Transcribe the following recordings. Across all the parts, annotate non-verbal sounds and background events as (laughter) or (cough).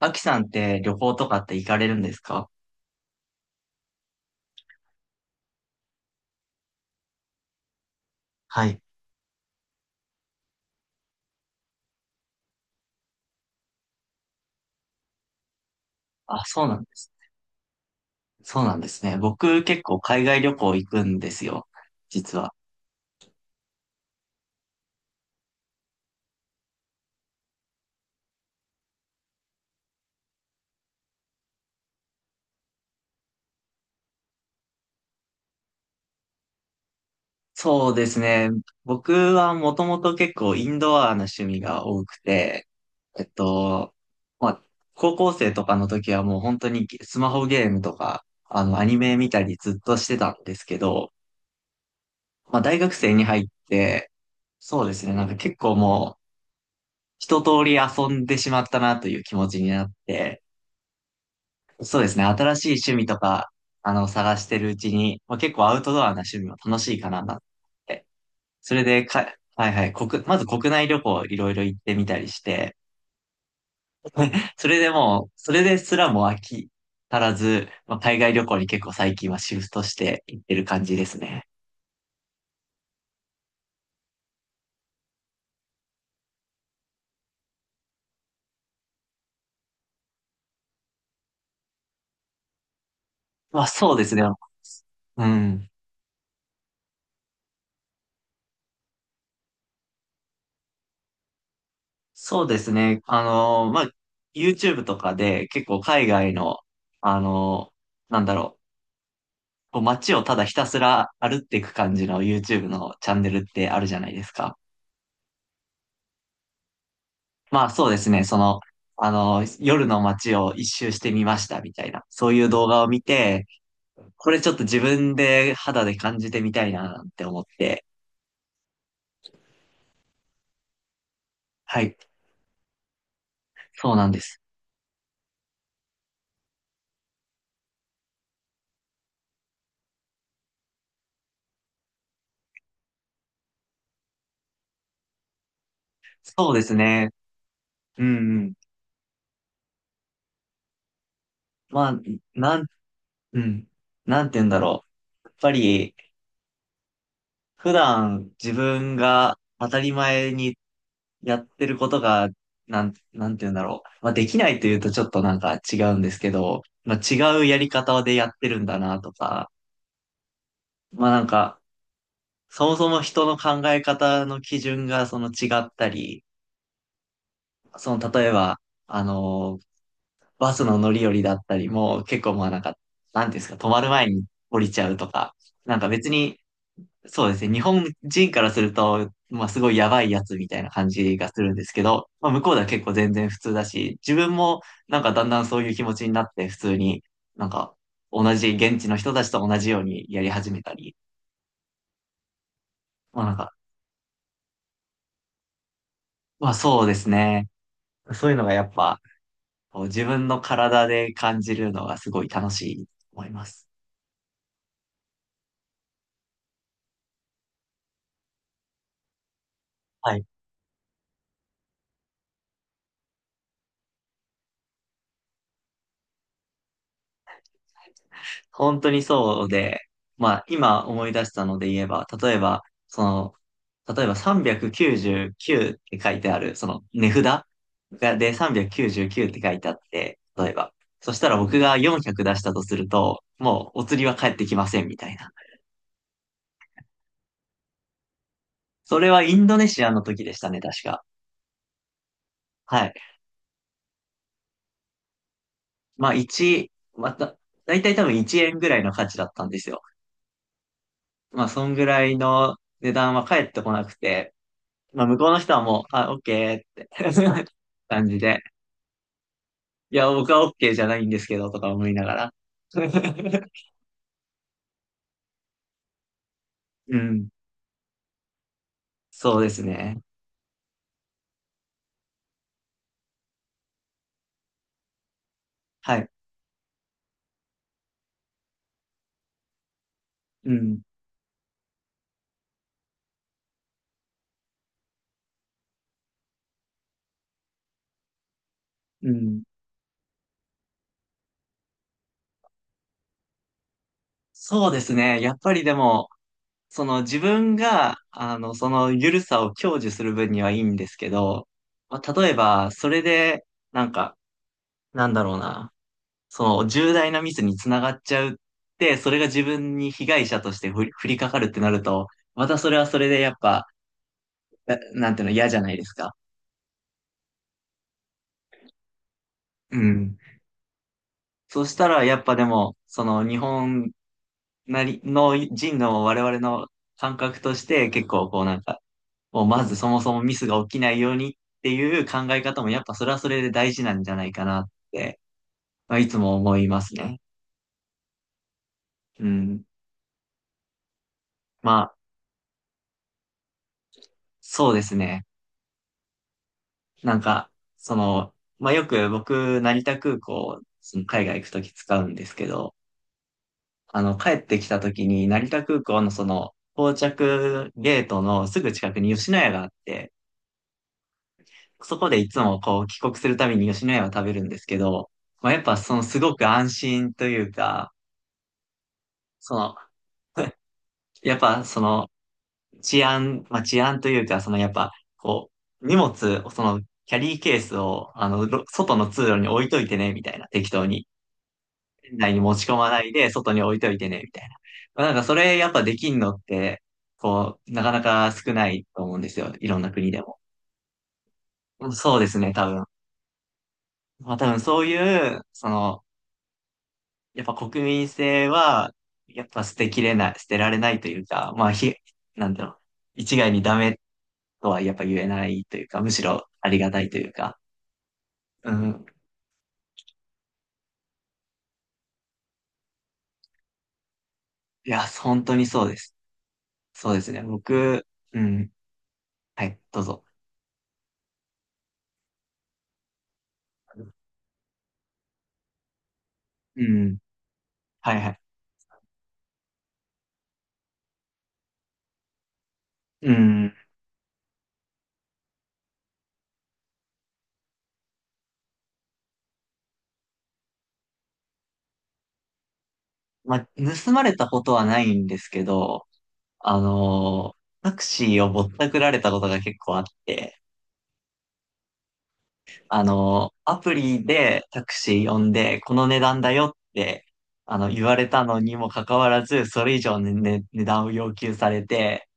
アキさんって旅行とかって行かれるんですか？はい。あ、そうなんです。そうなんですね。僕結構海外旅行行くんですよ、実は。そうですね。僕はもともと結構インドアな趣味が多くて、えっと、まあ、高校生とかの時はもう本当にスマホゲームとか、アニメ見たりずっとしてたんですけど、まあ、大学生に入って、そうですね。なんか結構もう一通り遊んでしまったなという気持ちになって、そうですね。新しい趣味とか、探してるうちに、まあ、結構アウトドアな趣味も楽しいかななって。それでか、はいはい、まず国内旅行いろいろ行ってみたりして、それでもう、それですらも飽き足らず、まあ、海外旅行に結構最近はシフトして行ってる感じですね。まあそうですね。うん。そうですね。まあ、YouTube とかで結構海外の、あの、なんだろう、こう街をただひたすら歩っていく感じの YouTube のチャンネルってあるじゃないですか。まあそうですね、夜の街を一周してみましたみたいな、そういう動画を見て、これちょっと自分で肌で感じてみたいななんて思って、はい、そうなんです。そうですね、うんうん。まあ、なん、うん、なんて言うんだろう。やっぱり、普段自分が当たり前にやってることが、なんて言うんだろう。まあ、できないというとちょっとなんか違うんですけど、まあ、違うやり方でやってるんだなとか、まあなんか、そもそも人の考え方の基準がその違ったり、その例えば、あの、バスの乗り降りだったりも結構まあなんか、なんていうんですか、止まる前に降りちゃうとか、なんか別にそうですね。日本人からすると、まあすごいやばいやつみたいな感じがするんですけど、まあ向こうでは結構全然普通だし、自分もなんかだんだんそういう気持ちになって普通になんか同じ現地の人たちと同じようにやり始めたり、まあなんか、まあそうですね。そういうのがやっぱこう自分の体で感じるのがすごい楽しいと思います。はい、本当にそうで、まあ今思い出したので言えば、例えば、その、399って書いてある、その値札がで399って書いてあって、例えば。そしたら僕が400出したとすると、もうお釣りは返ってきませんみたいな。それはインドネシアの時でしたね、確か。はい。まあ1、また、だいたい多分1円ぐらいの価値だったんですよ。まあそんぐらいの値段は返ってこなくて、まあ、向こうの人はもう、あ、オッケーって (laughs) 感じで。いや、僕はオッケーじゃないんですけど、とか思いながら。(laughs) うん。そうですね。はい。うん。うん。そうですね。やっぱりでも、その自分が、その緩さを享受する分にはいいんですけど、まあ、例えば、それで、なんか、なんだろうな、その重大なミスにつながっちゃうって、それが自分に被害者として降りかかるってなると、またそれはそれでやっぱ、なんていうの、嫌じゃないですか。うん。そしたら、やっぱでも、その日本なりの人の我々の感覚として結構こうなんか、もうまずそもそもミスが起きないようにっていう考え方もやっぱそれはそれで大事なんじゃないかなって、まあ、いつも思いますね。うん。まあ、そうですね。なんか、その、まあよく僕、成田空港、その海外行くとき使うんですけど、帰ってきた時に、成田空港のその、到着ゲートのすぐ近くに吉野家があって、そこでいつもこう、帰国するたびに吉野家を食べるんですけど、まあ、やっぱそのすごく安心というか、その、(laughs) やっぱその、治安というか、そのやっぱ、こう、荷物、その、キャリーケースを、ろ外の通路に置いといてね、みたいな、適当に。店内に持ち込まないで、外に置いといてね、みたいな。まあ、なんかそれやっぱできんのって、こう、なかなか少ないと思うんですよ。いろんな国でも。うんそうですね、多分。まあ多分そういう、やっぱ国民性は、やっぱ捨てられないというか、なんだろう。一概にダメとはやっぱ言えないというか、むしろありがたいというか。うん。いや、本当にそうです。そうですね。僕、うん。はい、どうぞ。うん。はいはい。うん。まあ、盗まれたことはないんですけど、あのータクシーをぼったくられたことが結構あって、あのーアプリでタクシー呼んで、この値段だよって、言われたのにもかかわらず、それ以上の、ね、値段を要求されて、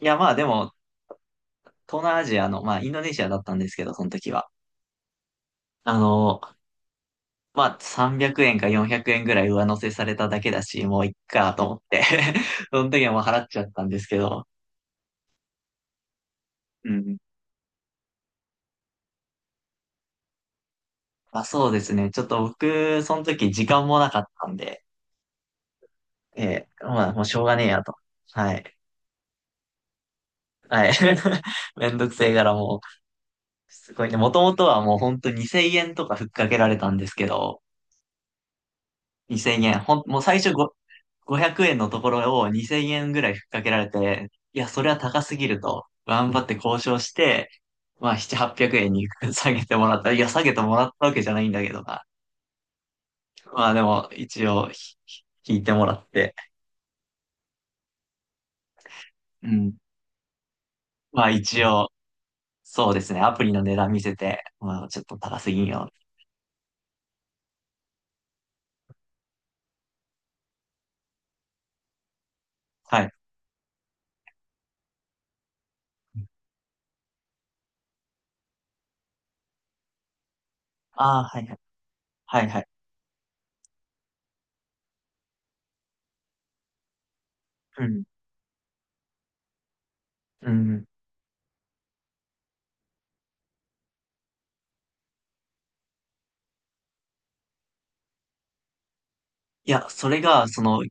いや、まあでも、東南アジアの、まあ、インドネシアだったんですけど、その時は。あのーまあ、300円か400円ぐらい上乗せされただけだし、もういっかと思って (laughs) その時はもう払っちゃったんですけど、うんまあ、そうですね。ちょっと僕、その時時間もなかったんで、えーまあ、もうしょうがねえやと。はい。はい。(laughs) めんどくせえからもう、すごいね。もともとはもう本当2000円とかふっかけられたんですけど、2000円、ほん、もう最初ご500円のところを2000円ぐらいふっかけられて、いや、それは高すぎると、頑張って交渉して、まあ、7、800円に (laughs) 下げてもらった。いや、下げてもらったわけじゃないんだけどな。まあ、でも、一応引いてもらって、うん。まあ一応、そうですね。アプリの値段見せて、まあちょっと高すぎんよ。はい。ああ、はいはい。はいはい。うん。うん。いや、それが、その、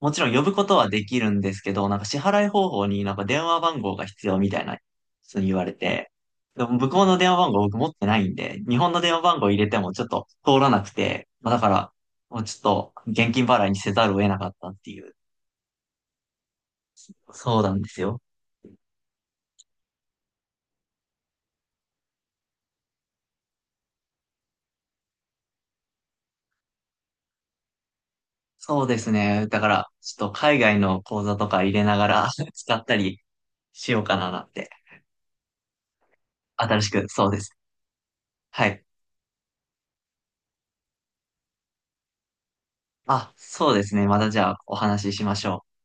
もちろん呼ぶことはできるんですけど、なんか支払い方法になんか電話番号が必要みたいな、そう言われて、でも向こうの電話番号僕持ってないんで、日本の電話番号入れてもちょっと通らなくて、まあだから、もうちょっと現金払いにせざるを得なかったっていう、そうなんですよ。そうですね。だから、ちょっと海外の講座とか入れながら (laughs) 使ったりしようかななって。新しく、そうです。はい。あ、そうですね。またじゃあお話ししましょう。